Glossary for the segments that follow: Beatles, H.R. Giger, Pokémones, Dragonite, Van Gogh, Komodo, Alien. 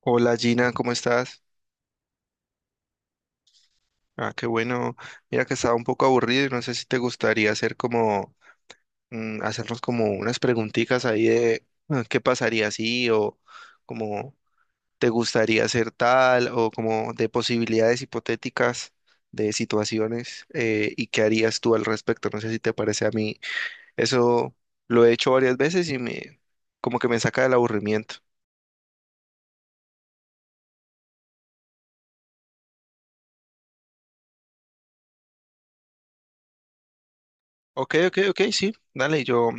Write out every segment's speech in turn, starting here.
Hola Gina, ¿cómo estás? Ah, qué bueno. Mira que estaba un poco aburrido y no sé si te gustaría hacer hacernos como unas preguntitas ahí de qué pasaría si o como te gustaría hacer tal o como de posibilidades hipotéticas de situaciones y qué harías tú al respecto. No sé si te parece a mí. Eso lo he hecho varias veces y me como que me saca del aburrimiento. Ok, ok, ok, sí. Dale,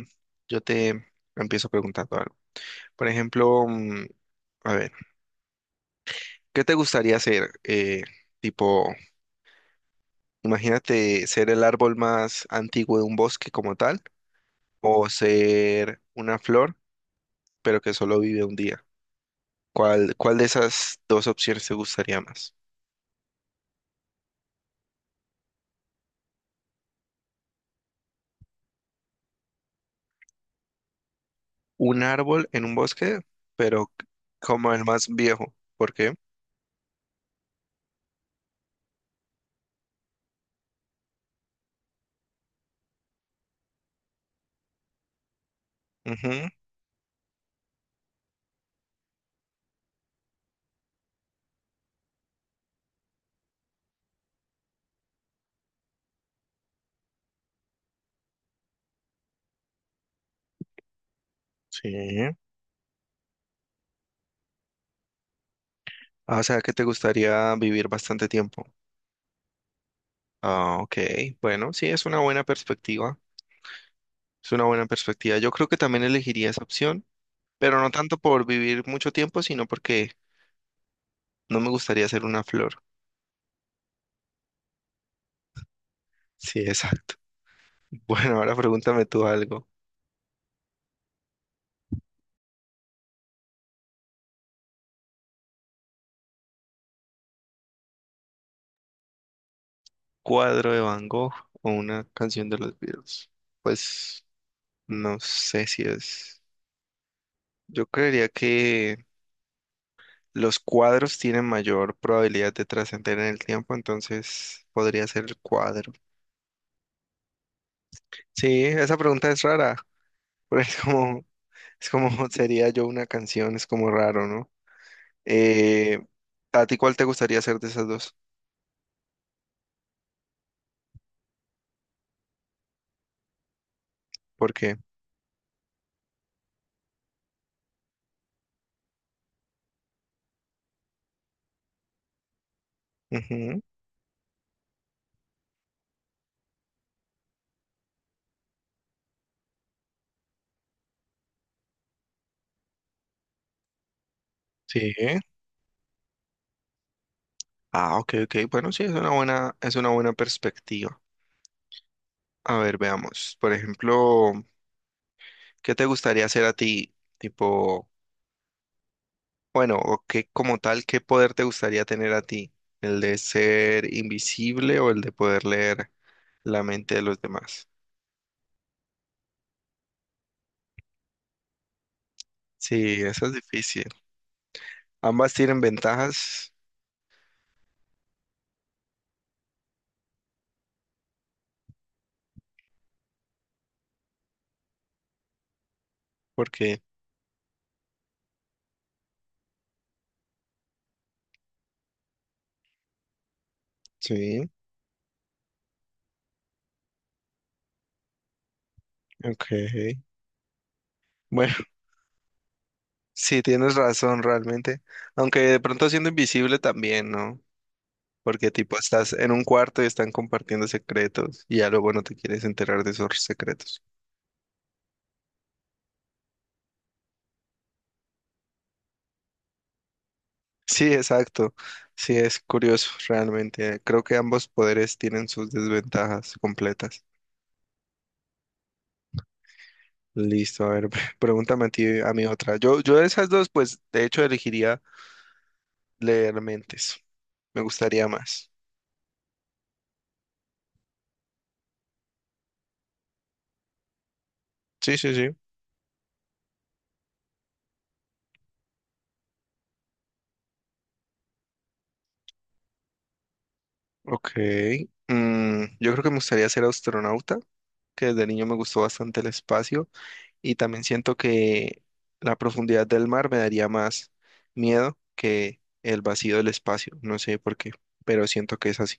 yo te empiezo preguntando. Por ejemplo, a ver, ¿qué te gustaría ser? Tipo, imagínate ser el árbol más antiguo de un bosque como tal, o ser una flor, pero que solo vive un día. ¿ cuál de esas dos opciones te gustaría más? Un árbol en un bosque, pero como el más viejo. ¿Por qué? Ujú, sí. Ah, o sea, que te gustaría vivir bastante tiempo. Ah, ok. Bueno, sí, es una buena perspectiva. Es una buena perspectiva. Yo creo que también elegiría esa opción, pero no tanto por vivir mucho tiempo, sino porque no me gustaría ser una flor. Sí, exacto. Bueno, ahora pregúntame tú algo. ¿Cuadro de Van Gogh o una canción de los Beatles? Pues no sé si es. Yo creería que los cuadros tienen mayor probabilidad de trascender en el tiempo, entonces podría ser el cuadro. Sí, esa pregunta es rara, porque es como sería yo una canción, es como raro, ¿no? Eh, ¿A ti cuál te gustaría hacer de esas dos? ¿Por qué? Ujú, sí. Ah, ok, ok. Bueno, sí, es una buena perspectiva. A ver, veamos. Por ejemplo, ¿qué te gustaría hacer a ti? Tipo, bueno, o qué como tal, ¿qué poder te gustaría tener a ti? ¿El de ser invisible o el de poder leer la mente de los demás? Sí, eso es difícil. Ambas tienen ventajas porque... Sí, ok. Bueno. Sí, tienes razón realmente. Aunque de pronto siendo invisible también, ¿no? Porque tipo estás en un cuarto y están compartiendo secretos y ya luego no te quieres enterar de esos secretos. Sí, exacto. Sí, es curioso realmente. Creo que ambos poderes tienen sus desventajas completas. Listo, a ver, pregúntame a ti, a mi otra. Yo de esas dos, pues de hecho elegiría leer mentes. Me gustaría más. Sí, sí, sí. Ok. Yo creo que me gustaría ser astronauta que desde niño me gustó bastante el espacio y también siento que la profundidad del mar me daría más miedo que el vacío del espacio, no sé por qué, pero siento que es así.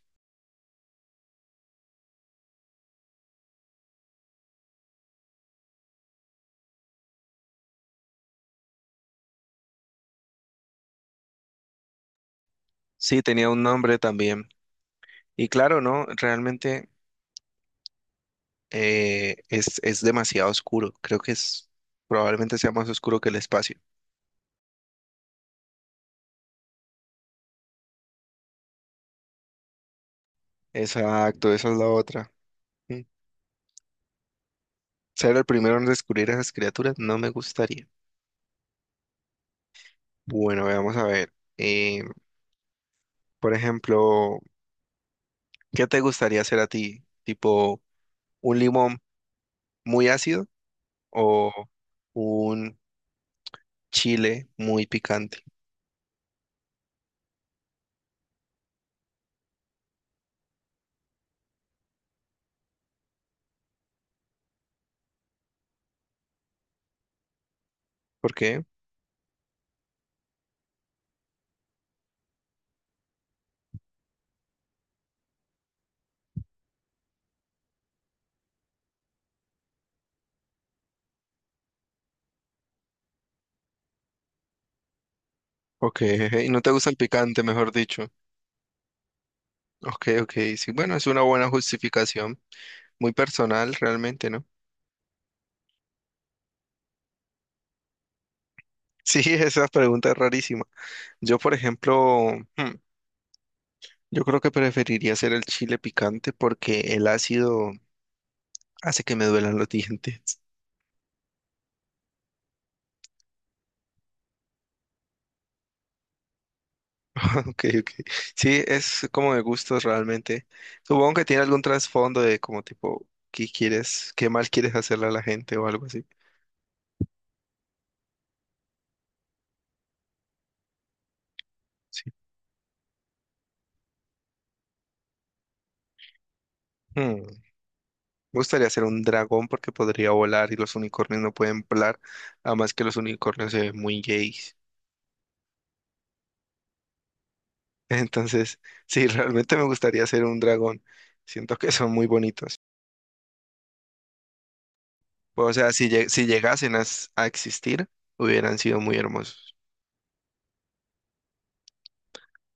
Sí, tenía un nombre también. Y claro, ¿no? Realmente es demasiado oscuro, creo que es probablemente sea más oscuro que el espacio. Exacto, esa es la otra. Mm. Ser el primero en descubrir esas criaturas no me gustaría. Bueno, vamos a ver. Por ejemplo, ¿qué te gustaría hacer a ti? ¿Tipo un limón muy ácido o un chile muy picante? ¿Por qué? Ok, y no te gusta el picante, mejor dicho. Ok, ok, sí, bueno, es una buena justificación, muy personal realmente, ¿no? Sí, esa pregunta es rarísima. Yo, por ejemplo, yo creo que preferiría hacer el chile picante porque el ácido hace que me duelan los dientes. Ok, ok. Sí, es como de gustos realmente. Supongo que tiene algún trasfondo de como tipo, ¿ qué mal quieres hacerle a la gente o algo así? Sí. Hmm, Me gustaría ser un dragón porque podría volar y los unicornios no pueden volar, además que los unicornios se ven muy gays. Entonces, sí, realmente me gustaría ser un dragón. Siento que son muy bonitos. O sea, si llegasen a, a existir, hubieran sido muy hermosos.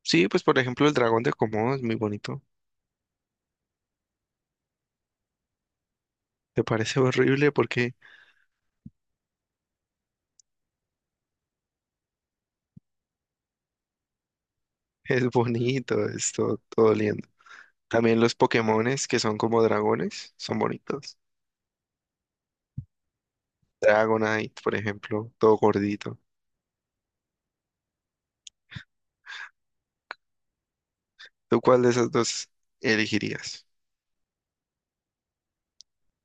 Sí, pues por ejemplo, el dragón de Komodo es muy bonito. ¿Te parece horrible? Porque es bonito, todo lindo. También los Pokémones que son como dragones, son bonitos. Dragonite, por ejemplo, todo gordito. ¿Tú cuál de esas dos elegirías?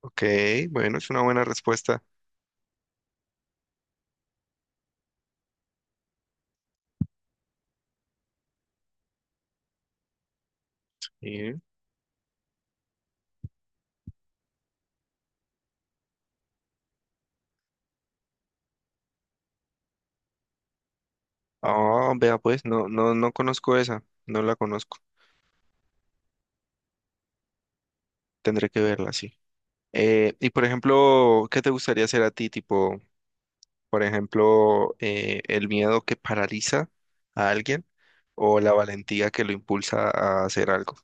Ok, bueno, es una buena respuesta. Sí. Ah, vea pues, no conozco esa, no la conozco. Tendré que verla, sí. Y por ejemplo, ¿qué te gustaría hacer a ti? Tipo, por ejemplo, el miedo que paraliza a alguien o la valentía que lo impulsa a hacer algo.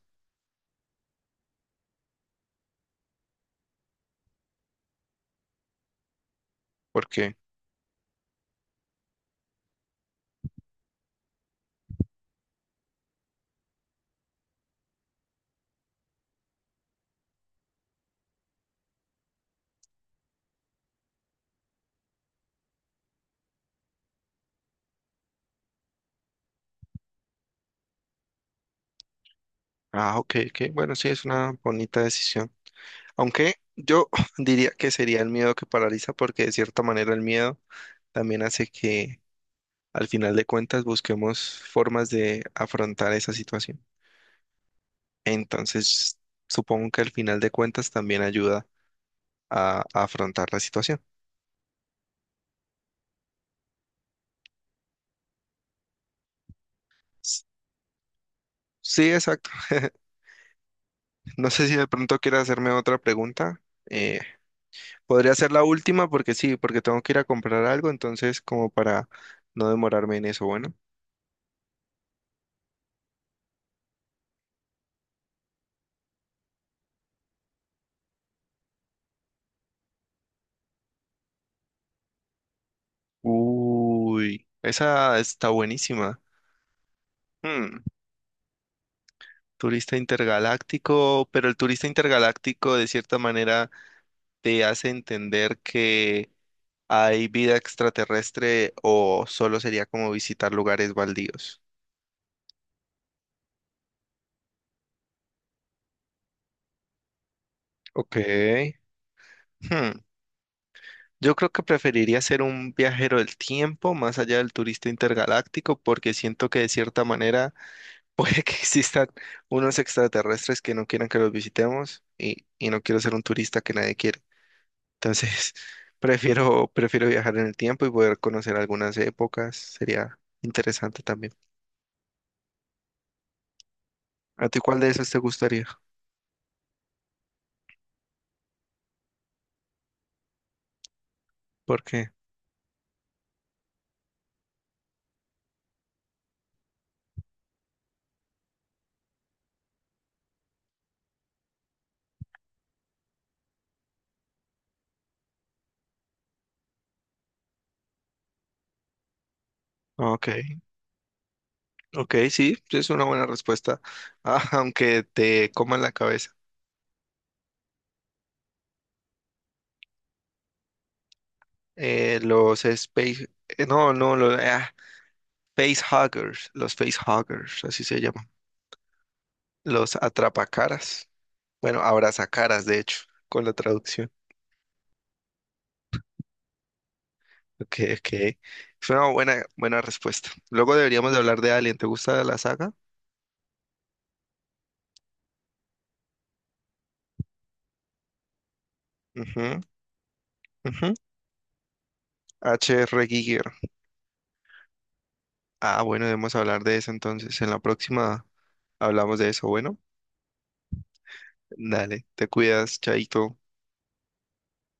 Porque ah, ok, ok. Bueno, sí, es una bonita decisión. Aunque yo diría que sería el miedo que paraliza, porque de cierta manera el miedo también hace que al final de cuentas busquemos formas de afrontar esa situación. Entonces, supongo que al final de cuentas también ayuda a afrontar la situación. S- Sí, exacto. No sé si de pronto quieres hacerme otra pregunta. Eh, podría ser la última porque sí, porque tengo que ir a comprar algo, entonces como para no demorarme en eso, bueno. Uy, esa está buenísima. Hmm, Turista intergaláctico, pero el turista intergaláctico de cierta manera te hace entender que hay vida extraterrestre o solo sería como visitar lugares baldíos. Ok. Hmm, Yo creo que preferiría ser un viajero del tiempo más allá del turista intergaláctico porque siento que de cierta manera puede que existan unos extraterrestres que no quieran que los visitemos y no quiero ser un turista que nadie quiere. Entonces, prefiero viajar en el tiempo y poder conocer algunas épocas. Sería interesante también. ¿A ti cuál de esas te gustaría? ¿Por qué? Ah, ok, ok, sí, sí es una buena respuesta. Ah, aunque te coman la cabeza. Los space, no, no, los ah, facehuggers, los facehuggers, así se llaman. Los atrapacaras. Bueno, abrazacaras, de hecho, con la traducción. Ok, ok. Fue una buena respuesta. Luego deberíamos de hablar de Alien. ¿Te gusta la saga? Ujú, ujú. H.R. Giger. Ah, bueno, debemos hablar de eso entonces. En la próxima hablamos de eso. Bueno, dale, te cuidas, chaito.